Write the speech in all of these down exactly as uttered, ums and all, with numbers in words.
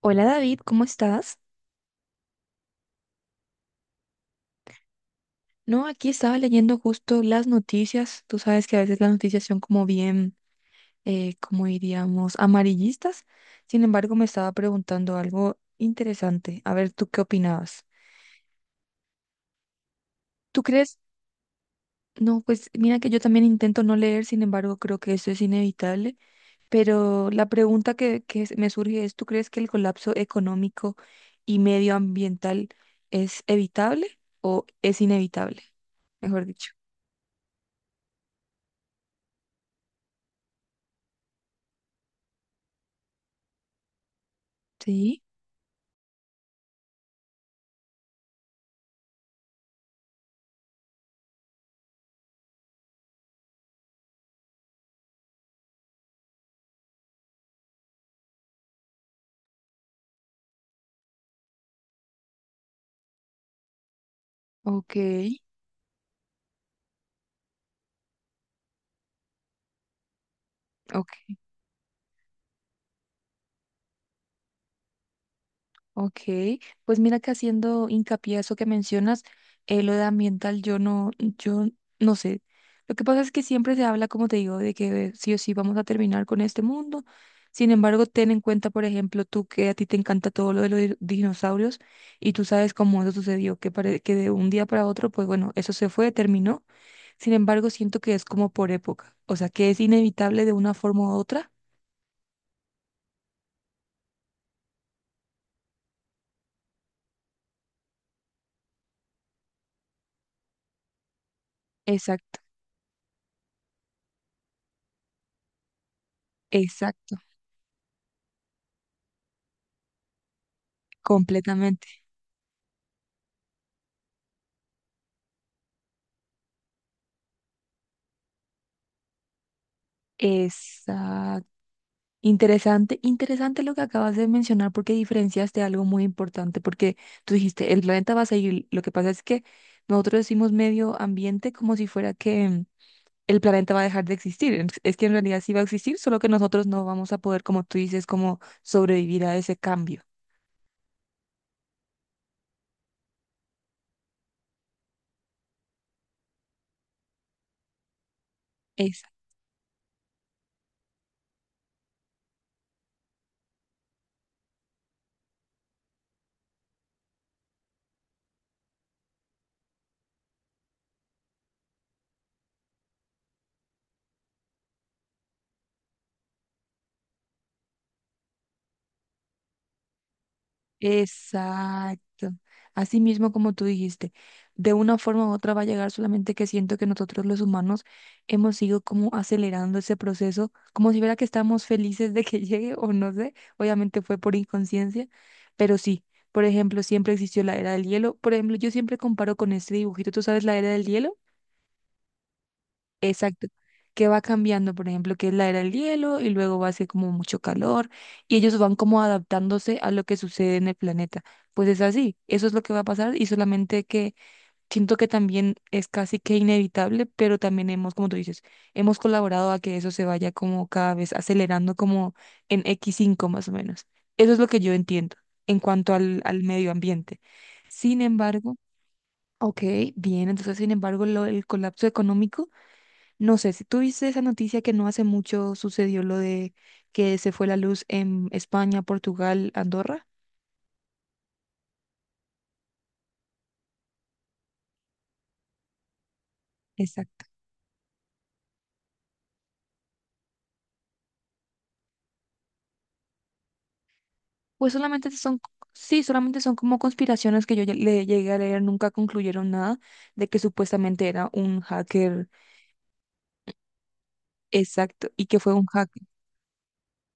Hola David, ¿cómo estás? No, aquí estaba leyendo justo las noticias. Tú sabes que a veces las noticias son como bien, eh, como diríamos, amarillistas. Sin embargo, me estaba preguntando algo interesante. A ver, ¿tú qué opinabas? ¿Tú crees? No, pues mira que yo también intento no leer, sin embargo, creo que eso es inevitable. Pero la pregunta que, que me surge es, ¿tú crees que el colapso económico y medioambiental es evitable o es inevitable? Mejor dicho. Sí. Ok, ok, ok. Pues mira que haciendo hincapié a eso que mencionas, eh, lo de ambiental, yo no, yo no sé. Lo que pasa es que siempre se habla, como te digo, de que sí o sí vamos a terminar con este mundo. Sin embargo, ten en cuenta, por ejemplo, tú que a ti te encanta todo lo de los di- dinosaurios y tú sabes cómo eso sucedió, que, pare- que de un día para otro, pues bueno, eso se fue, terminó. Sin embargo, siento que es como por época, o sea, que es inevitable de una forma u otra. Exacto, exacto, completamente. Exacto. Interesante, interesante lo que acabas de mencionar porque diferenciaste algo muy importante, porque tú dijiste, el planeta va a seguir, lo que pasa es que nosotros decimos medio ambiente como si fuera que el planeta va a dejar de existir, en- es que en realidad sí va a existir, solo que nosotros no vamos a poder, como tú dices, como sobrevivir a ese cambio. Exacto. Así mismo como tú dijiste, de una forma u otra va a llegar, solamente que siento que nosotros los humanos hemos ido como acelerando ese proceso, como si fuera que estamos felices de que llegue o no sé, obviamente fue por inconsciencia, pero sí, por ejemplo, siempre existió la era del hielo. Por ejemplo, yo siempre comparo con este dibujito, ¿tú sabes la era del hielo? Exacto, que va cambiando, por ejemplo, que es la era del hielo y luego va a ser como mucho calor y ellos van como adaptándose a lo que sucede en el planeta. Pues es así, eso es lo que va a pasar y solamente que siento que también es casi que inevitable, pero también hemos, como tú dices, hemos colaborado a que eso se vaya como cada vez acelerando como en x cinco más o menos. Eso es lo que yo entiendo en cuanto al, al medio ambiente. Sin embargo, ok, bien, entonces sin embargo lo, el colapso económico. No sé, si tú viste esa noticia que no hace mucho sucedió lo de que se fue la luz en España, Portugal, Andorra. Exacto. Pues solamente son, sí, solamente son como conspiraciones que yo ya le llegué a leer, nunca concluyeron nada de que supuestamente era un hacker. Exacto. Y que fue un hacker.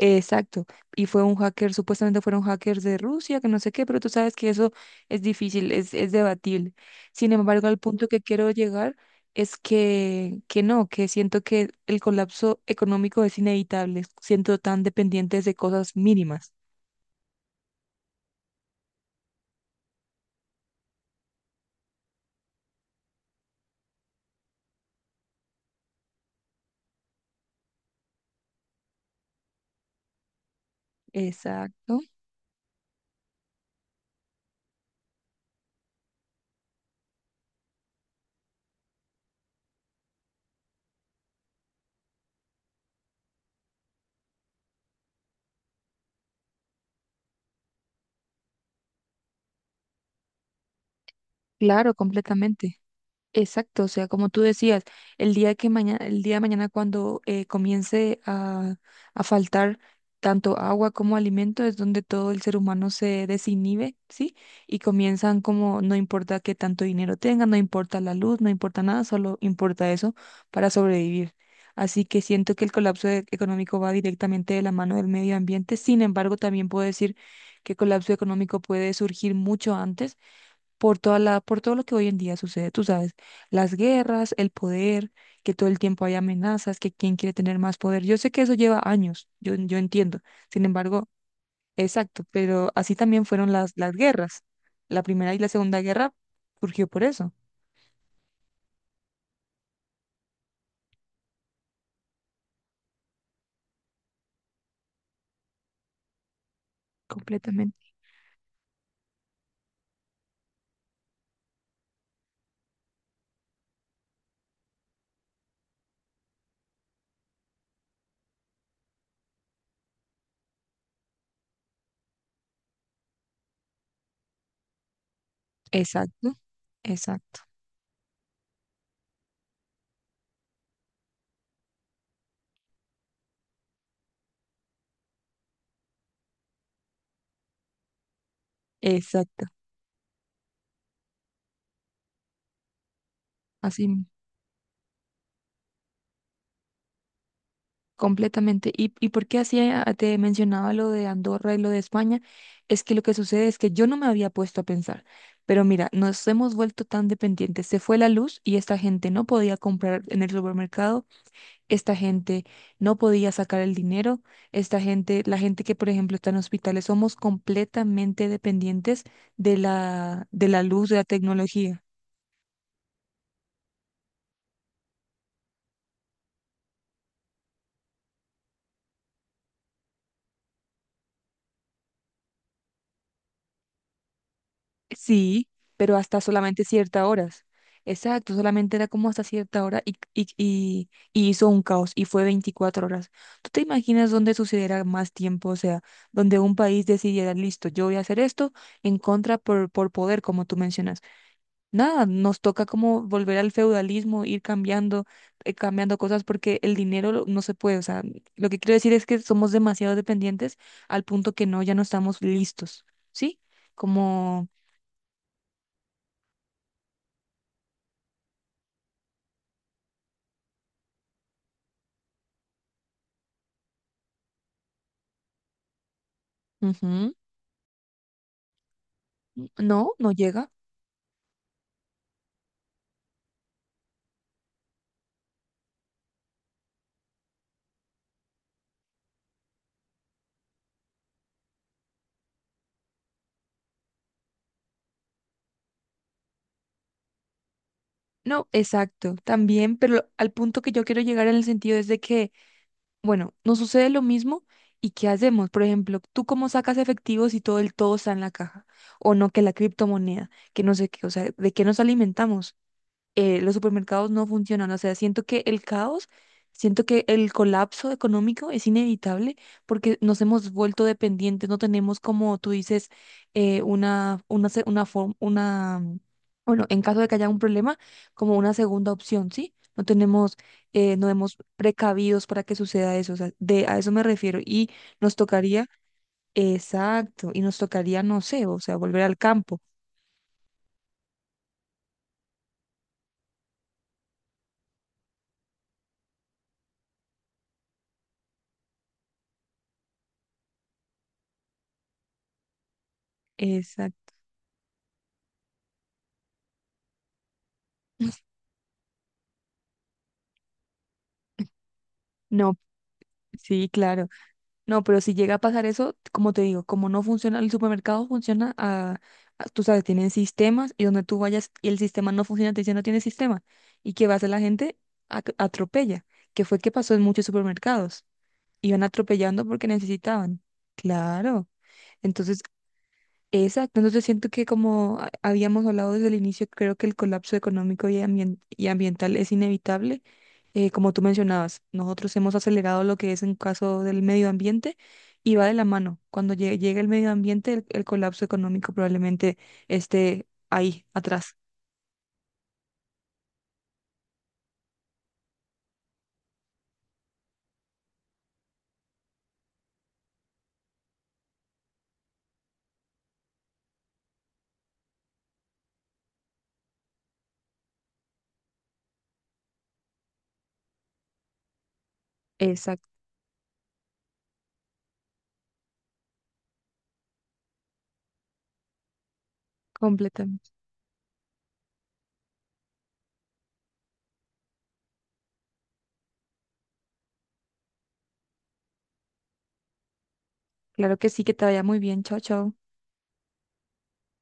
Exacto. Y fue un hacker, supuestamente fueron hackers de Rusia, que no sé qué, pero tú sabes que eso es difícil, es, es debatible. Sin embargo, al punto que quiero llegar es que, que no, que siento que el colapso económico es inevitable, siento tan dependientes de cosas mínimas. Exacto. Claro, completamente. Exacto, o sea, como tú decías, el día que mañana, el día de mañana cuando eh, comience a, a faltar tanto agua como alimento, es donde todo el ser humano se desinhibe, ¿sí? Y comienzan como, no importa qué tanto dinero tengan, no importa la luz, no importa nada, solo importa eso para sobrevivir. Así que siento que el colapso e- económico va directamente de la mano del medio ambiente. Sin embargo, también puedo decir que el colapso económico puede surgir mucho antes por toda la, por todo lo que hoy en día sucede, tú sabes, las guerras, el poder, que todo el tiempo hay amenazas, que quién quiere tener más poder. Yo sé que eso lleva años, yo, yo entiendo. Sin embargo, exacto, pero así también fueron las, las guerras. La primera y la segunda guerra surgió por eso, completamente. Exacto, exacto, exacto. Así. Completamente. ¿Y, y por qué hacía, te mencionaba lo de Andorra y lo de España? Es que lo que sucede es que yo no me había puesto a pensar, pero mira, nos hemos vuelto tan dependientes. Se fue la luz y esta gente no podía comprar en el supermercado, esta gente no podía sacar el dinero, esta gente, la gente que por ejemplo está en hospitales, somos completamente dependientes de la, de la luz, de la tecnología. Sí, pero hasta solamente ciertas horas. Exacto, solamente era como hasta cierta hora y, y, y, y hizo un caos y fue veinticuatro horas. ¿Tú te imaginas dónde sucediera más tiempo? O sea, donde un país decidiera, listo, yo voy a hacer esto en contra por, por poder, como tú mencionas. Nada, nos toca como volver al feudalismo, ir cambiando, eh, cambiando cosas porque el dinero lo- no se puede. O sea, lo que quiero decir es que somos demasiado dependientes al punto que no, ya no estamos listos, ¿sí? Como. Ujú. No, no llega. No, exacto, también, pero lo- al punto que yo quiero llegar en el sentido es de que, bueno, nos sucede lo mismo y ¿qué hacemos? Por ejemplo, ¿tú cómo sacas efectivos si todo el todo está en la caja? O no, que la criptomoneda, que no sé qué, o sea, ¿de qué nos alimentamos? Eh, los supermercados no funcionan. O sea, siento que el caos, siento que el colapso económico es inevitable porque nos hemos vuelto dependientes, no tenemos, como tú dices, eh, una, una, se- una, forma, una, mm, bueno, en caso de que haya un problema, como una segunda opción, ¿sí? No tenemos, eh, no hemos precavidos para que suceda eso. O sea, de, a eso me refiero. Y nos tocaría, exacto, y nos tocaría, no sé, o sea, volver al campo. Exacto. No, sí, claro. No, pero si llega a pasar eso, como te digo, como no funciona, el supermercado funciona a, a- tú sabes, tienen sistemas y donde tú vayas y el sistema no funciona, te dicen no tiene sistema. ¿Y qué va a hacer la gente? Ac- Atropella, que fue que pasó en muchos supermercados. Iban atropellando porque necesitaban. Claro. Entonces. Exacto. Entonces siento que como a- habíamos hablado desde el inicio, creo que el colapso económico y, ambien- y ambiental es inevitable. Eh, como tú mencionabas, nosotros hemos acelerado lo que es en caso del medio ambiente y va de la mano. Cuando llegue, llegue el medio ambiente, el, el colapso económico probablemente esté ahí, atrás. Exacto, completamente. Claro que sí, que te vaya muy bien. Chao, chao.